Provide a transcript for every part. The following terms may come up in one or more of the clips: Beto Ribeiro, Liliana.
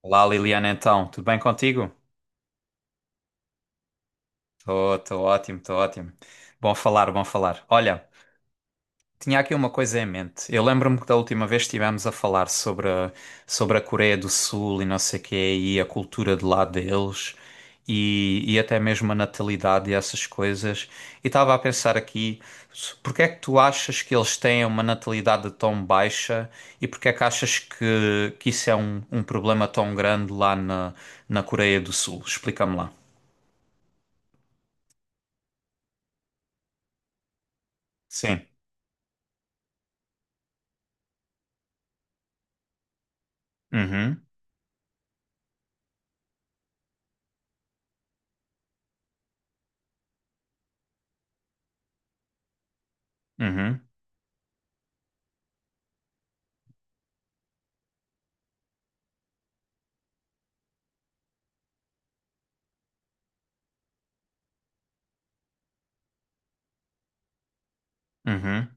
Olá Liliana, então, tudo bem contigo? Estou ótimo, estou ótimo. Bom falar, bom falar. Olha, tinha aqui uma coisa em mente. Eu lembro-me que da última vez estivemos a falar sobre a Coreia do Sul e não sei o quê, e a cultura de lá deles, e, até mesmo a natalidade e essas coisas. E estava a pensar aqui, porque é que tu achas que eles têm uma natalidade tão baixa e porque é que achas que isso é um problema tão grande lá na Coreia do Sul? Explica-me lá. Sim. Uhum, uhum, uhum.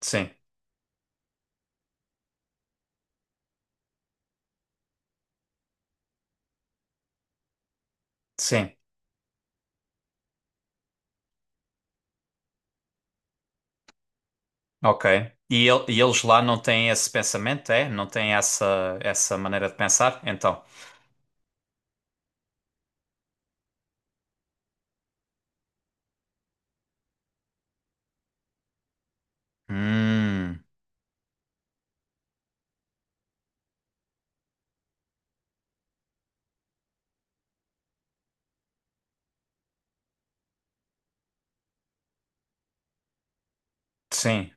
Sim, sim. Ok. E, e eles lá não têm esse pensamento, é? Não têm essa maneira de pensar? Então. Hum, sim.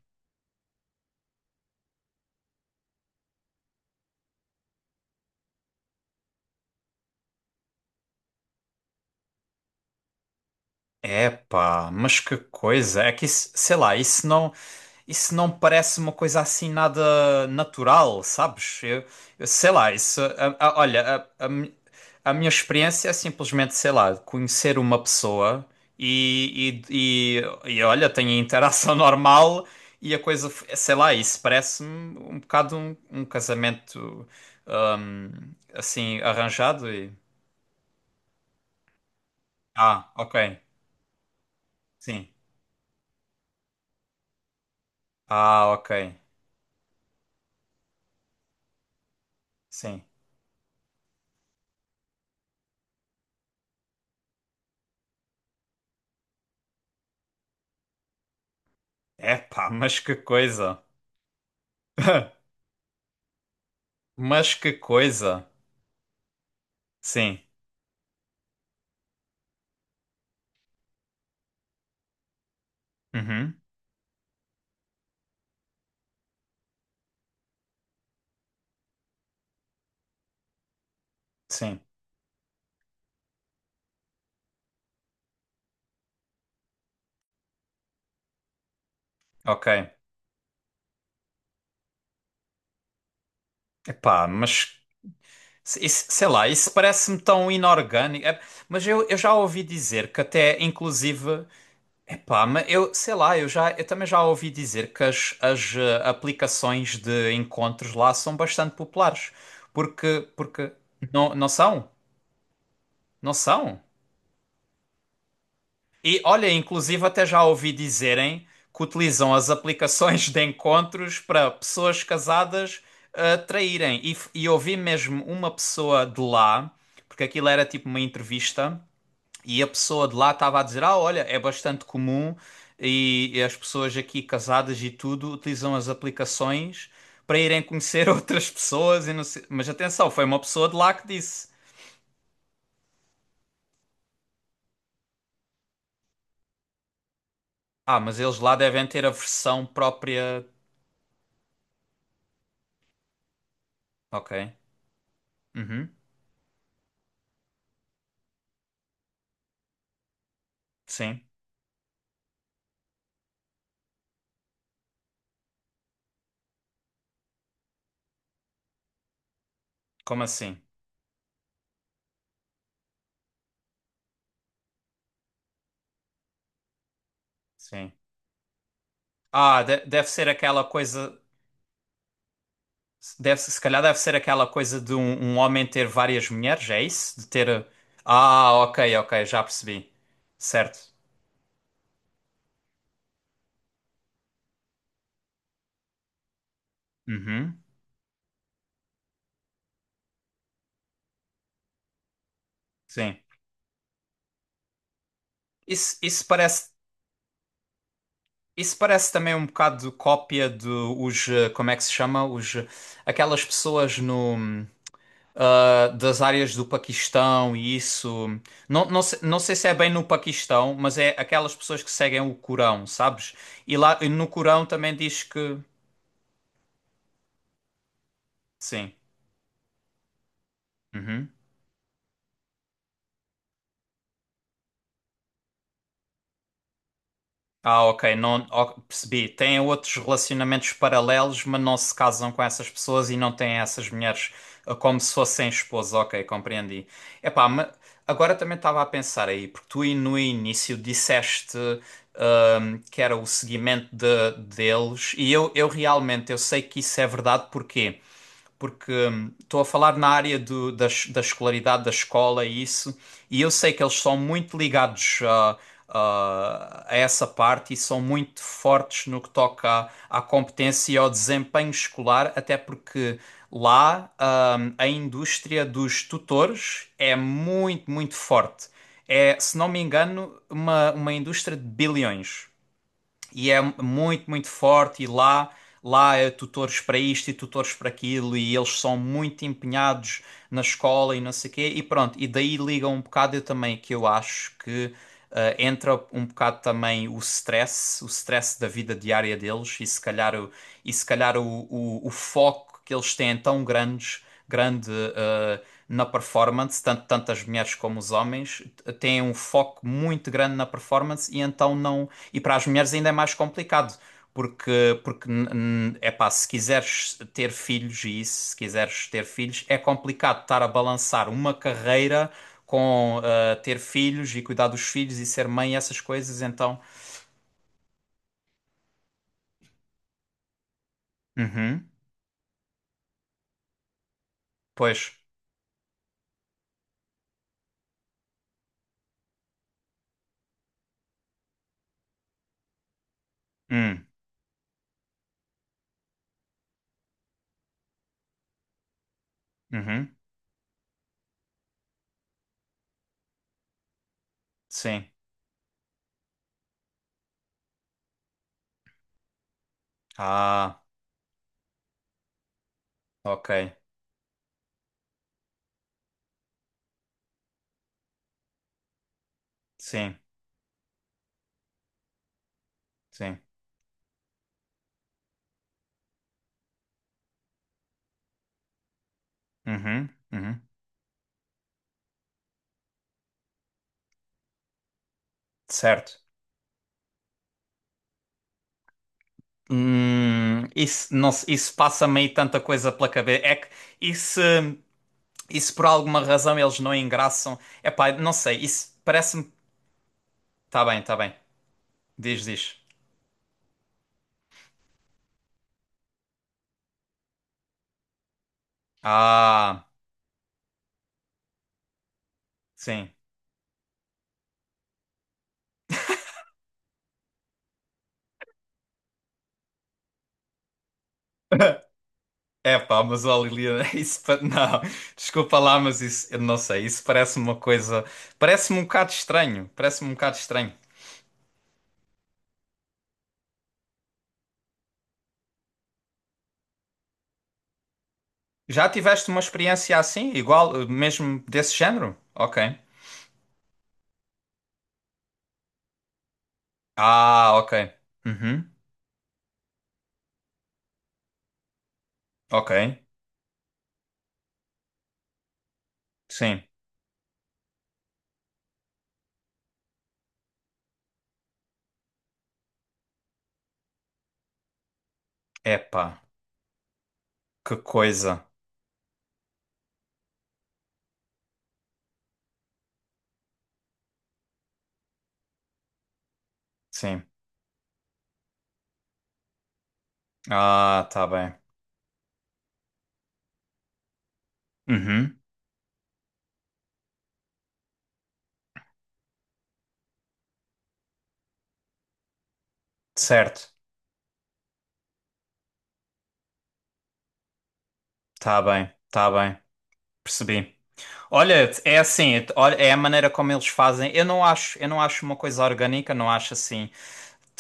Epá, mas que coisa. É que isso, sei lá, isso não. Isso não parece uma coisa assim nada natural, sabes? Eu sei lá, isso. Olha, a minha experiência é simplesmente, sei lá, conhecer uma pessoa e, e, e, olha, tenho a interação normal e a coisa, sei lá, isso parece-me um bocado um casamento hum, assim arranjado e. Ah, ok, sim. Ah, ok, sim. Epá, mas que coisa! Mas que coisa! Sim. Uhum. Sim. Ok. Epá, mas sei lá, isso parece-me tão inorgânico. É, mas eu já ouvi dizer que até, inclusive, epá, mas eu sei lá, eu já eu também já ouvi dizer que as aplicações de encontros lá são bastante populares. Porque não, não são? Não são? E olha, inclusive até já ouvi dizerem que utilizam as aplicações de encontros para pessoas casadas traírem. E, e ouvi mesmo uma pessoa de lá, porque aquilo era tipo uma entrevista, e a pessoa de lá estava a dizer: Ah, olha, é bastante comum e, as pessoas aqui casadas e tudo utilizam as aplicações para irem conhecer outras pessoas. E não sei. Mas atenção, foi uma pessoa de lá que disse: Ah, mas eles lá devem ter a versão própria. Ok. Uhum. Sim. Como assim? Sim. Ah, deve ser aquela coisa. Deve, se calhar deve ser aquela coisa de um homem ter várias mulheres, é isso? De ter. Ah, ok, ok, já percebi. Certo. Uhum. Sim. Isso parece. Isso parece também um bocado cópia de os, como é que se chama? Os, aquelas pessoas no, das áreas do Paquistão e isso. Não, não, sei, não sei se é bem no Paquistão, mas é aquelas pessoas que seguem o Corão, sabes? E lá no Corão também diz que. Sim. Uhum. Ah, ok, não, ó, percebi. Têm outros relacionamentos paralelos, mas não se casam com essas pessoas e não têm essas mulheres como se fossem esposas. Ok, compreendi. Epá, mas agora também estava a pensar aí, porque tu aí no início disseste que era o seguimento deles e eu realmente eu sei que isso é verdade, porquê? Porque estou a falar na área da escolaridade, da escola e isso, e eu sei que eles são muito ligados a essa parte e são muito fortes no que toca à competência e ao desempenho escolar, até porque lá a indústria dos tutores é muito, muito forte. É, se não me engano, uma indústria de bilhões e é muito, muito forte e lá é tutores para isto e tutores para aquilo e eles são muito empenhados na escola e não sei o quê e pronto, e daí liga um bocado eu também que eu acho que entra um bocado também o stress da vida diária deles e se calhar o foco que eles têm é tão grandes grande eh, na performance, tanto, tanto as mulheres como os homens têm um foco muito grande na performance e então não. E para as mulheres ainda é mais complicado. Porque é pá, se quiseres ter filhos e isso, se quiseres ter filhos, é complicado estar a balançar uma carreira com ter filhos e cuidar dos filhos e ser mãe e essas coisas, então. Uhum, pois. Hum, uhum, sim. Ah, ok. Sim, sim. Uhum, uhum. Certo. Isso, não, isso passa meio tanta coisa pela cabeça. É que isso, isso por alguma razão eles não engraçam. É pá, não sei. Isso parece-me. Tá bem, tá bem. Diz, diz. Ah, sim. É pá, mas olha, Liliana, não, desculpa lá, mas isso, eu não sei, isso parece-me uma coisa, parece-me um bocado estranho, parece-me um bocado estranho. Já tiveste uma experiência assim, igual, mesmo desse género? Ok. Ah, ok. Uhum. Ok. Sim. Epá, que coisa. Sim. Ah, tá bem. Uhum. Certo. Tá bem, tá bem. Percebi. Olha, é assim, olha, é a maneira como eles fazem. Eu não acho uma coisa orgânica, não acho assim.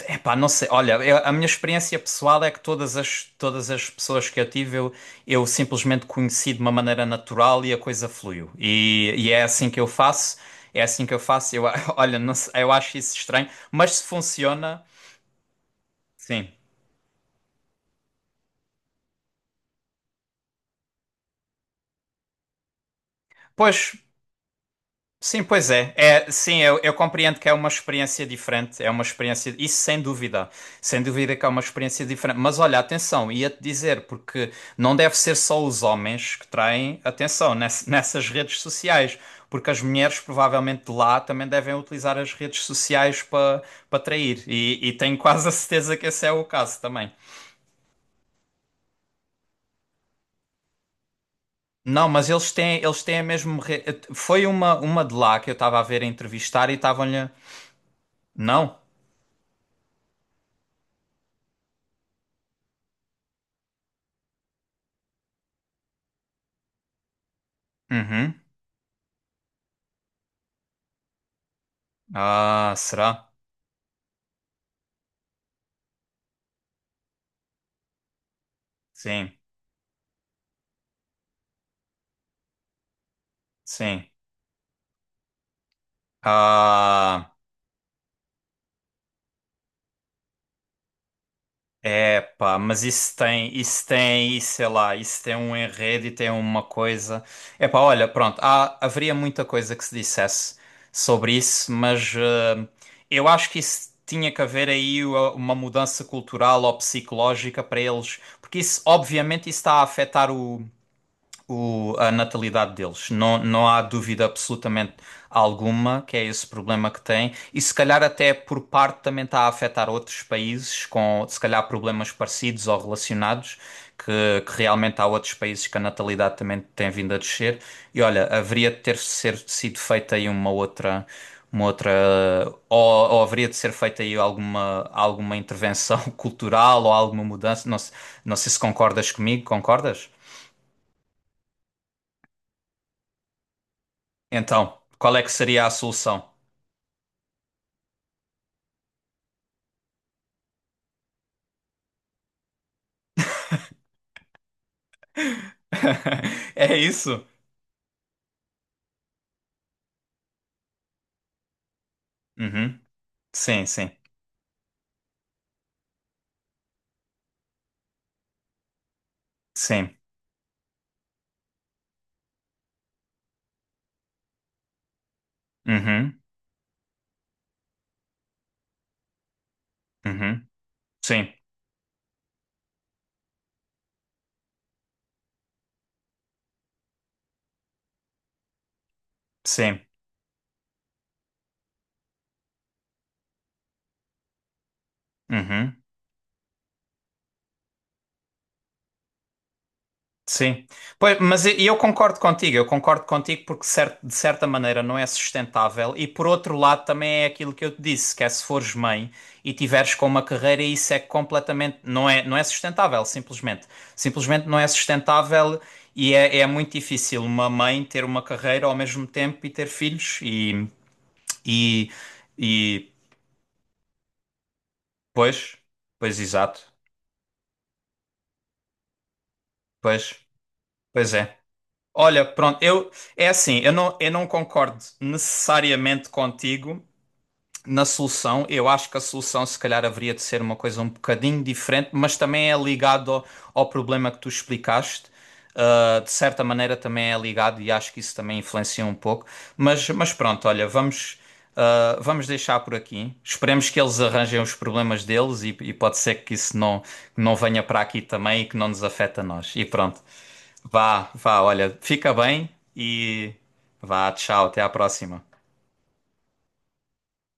Epá, não sei. Olha, a minha experiência pessoal é que todas as pessoas que eu tive, eu simplesmente conheci de uma maneira natural e a coisa fluiu. E é assim que eu faço. É assim que eu faço. Eu, olha, não sei, eu acho isso estranho, mas se funciona, sim. Pois, sim, pois é. É, sim, eu compreendo que é uma experiência diferente, é uma experiência, isso sem dúvida. Sem dúvida que é uma experiência diferente, mas olha, atenção, ia-te dizer porque não deve ser só os homens que traem atenção nessas redes sociais, porque as mulheres provavelmente de lá também devem utilizar as redes sociais para trair e tenho quase a certeza que esse é o caso também. Não, mas eles têm a mesma. Foi uma de lá que eu estava a ver a entrevistar e estavam-lhe. Não. Uhum. Ah, será? Sim, sim. Ah, é pá, mas isso sei lá, isso tem um enredo e tem uma coisa. É pá, olha, pronto, há, haveria muita coisa que se dissesse sobre isso, mas eu acho que isso tinha que haver aí uma mudança cultural ou psicológica para eles, porque isso, obviamente, isso está a afetar a natalidade deles. Não, não há dúvida absolutamente alguma que é esse problema que tem. E se calhar até por parte também está a afetar outros países com, se calhar, problemas parecidos ou relacionados, que realmente há outros países que a natalidade também tem vindo a descer. E olha, haveria de ter ser, sido feita aí uma outra. Uma outra, ou, ou haveria de ser feita aí alguma, alguma intervenção cultural ou alguma mudança? Não, não sei se concordas comigo, concordas? Então, qual é que seria a solução? É isso? Uhum. Sim, sim. Sim. Uhum. Uhum. Sim. Sim. Uhum. Sim. Pois, mas e eu concordo contigo porque de certa maneira não é sustentável e por outro lado também é aquilo que eu te disse, que é se fores mãe e tiveres com uma carreira isso é completamente, não é, não é sustentável, simplesmente. Simplesmente não é sustentável e é, é muito difícil uma mãe ter uma carreira ao mesmo tempo e ter filhos e E, e pois, pois exato, pois, pois é. Olha, pronto, eu é assim, eu não concordo necessariamente contigo, na solução, eu acho que a solução se calhar haveria de ser uma coisa um bocadinho diferente, mas também é ligado ao, ao problema que tu explicaste. De certa maneira também é ligado e acho que isso também influencia um pouco. Mas pronto, olha, vamos, vamos deixar por aqui. Esperemos que eles arranjem os problemas deles e pode ser que isso não, não venha para aqui também e que não nos afeta a nós. E pronto, vá, vá, olha, fica bem e vá, tchau, até à próxima.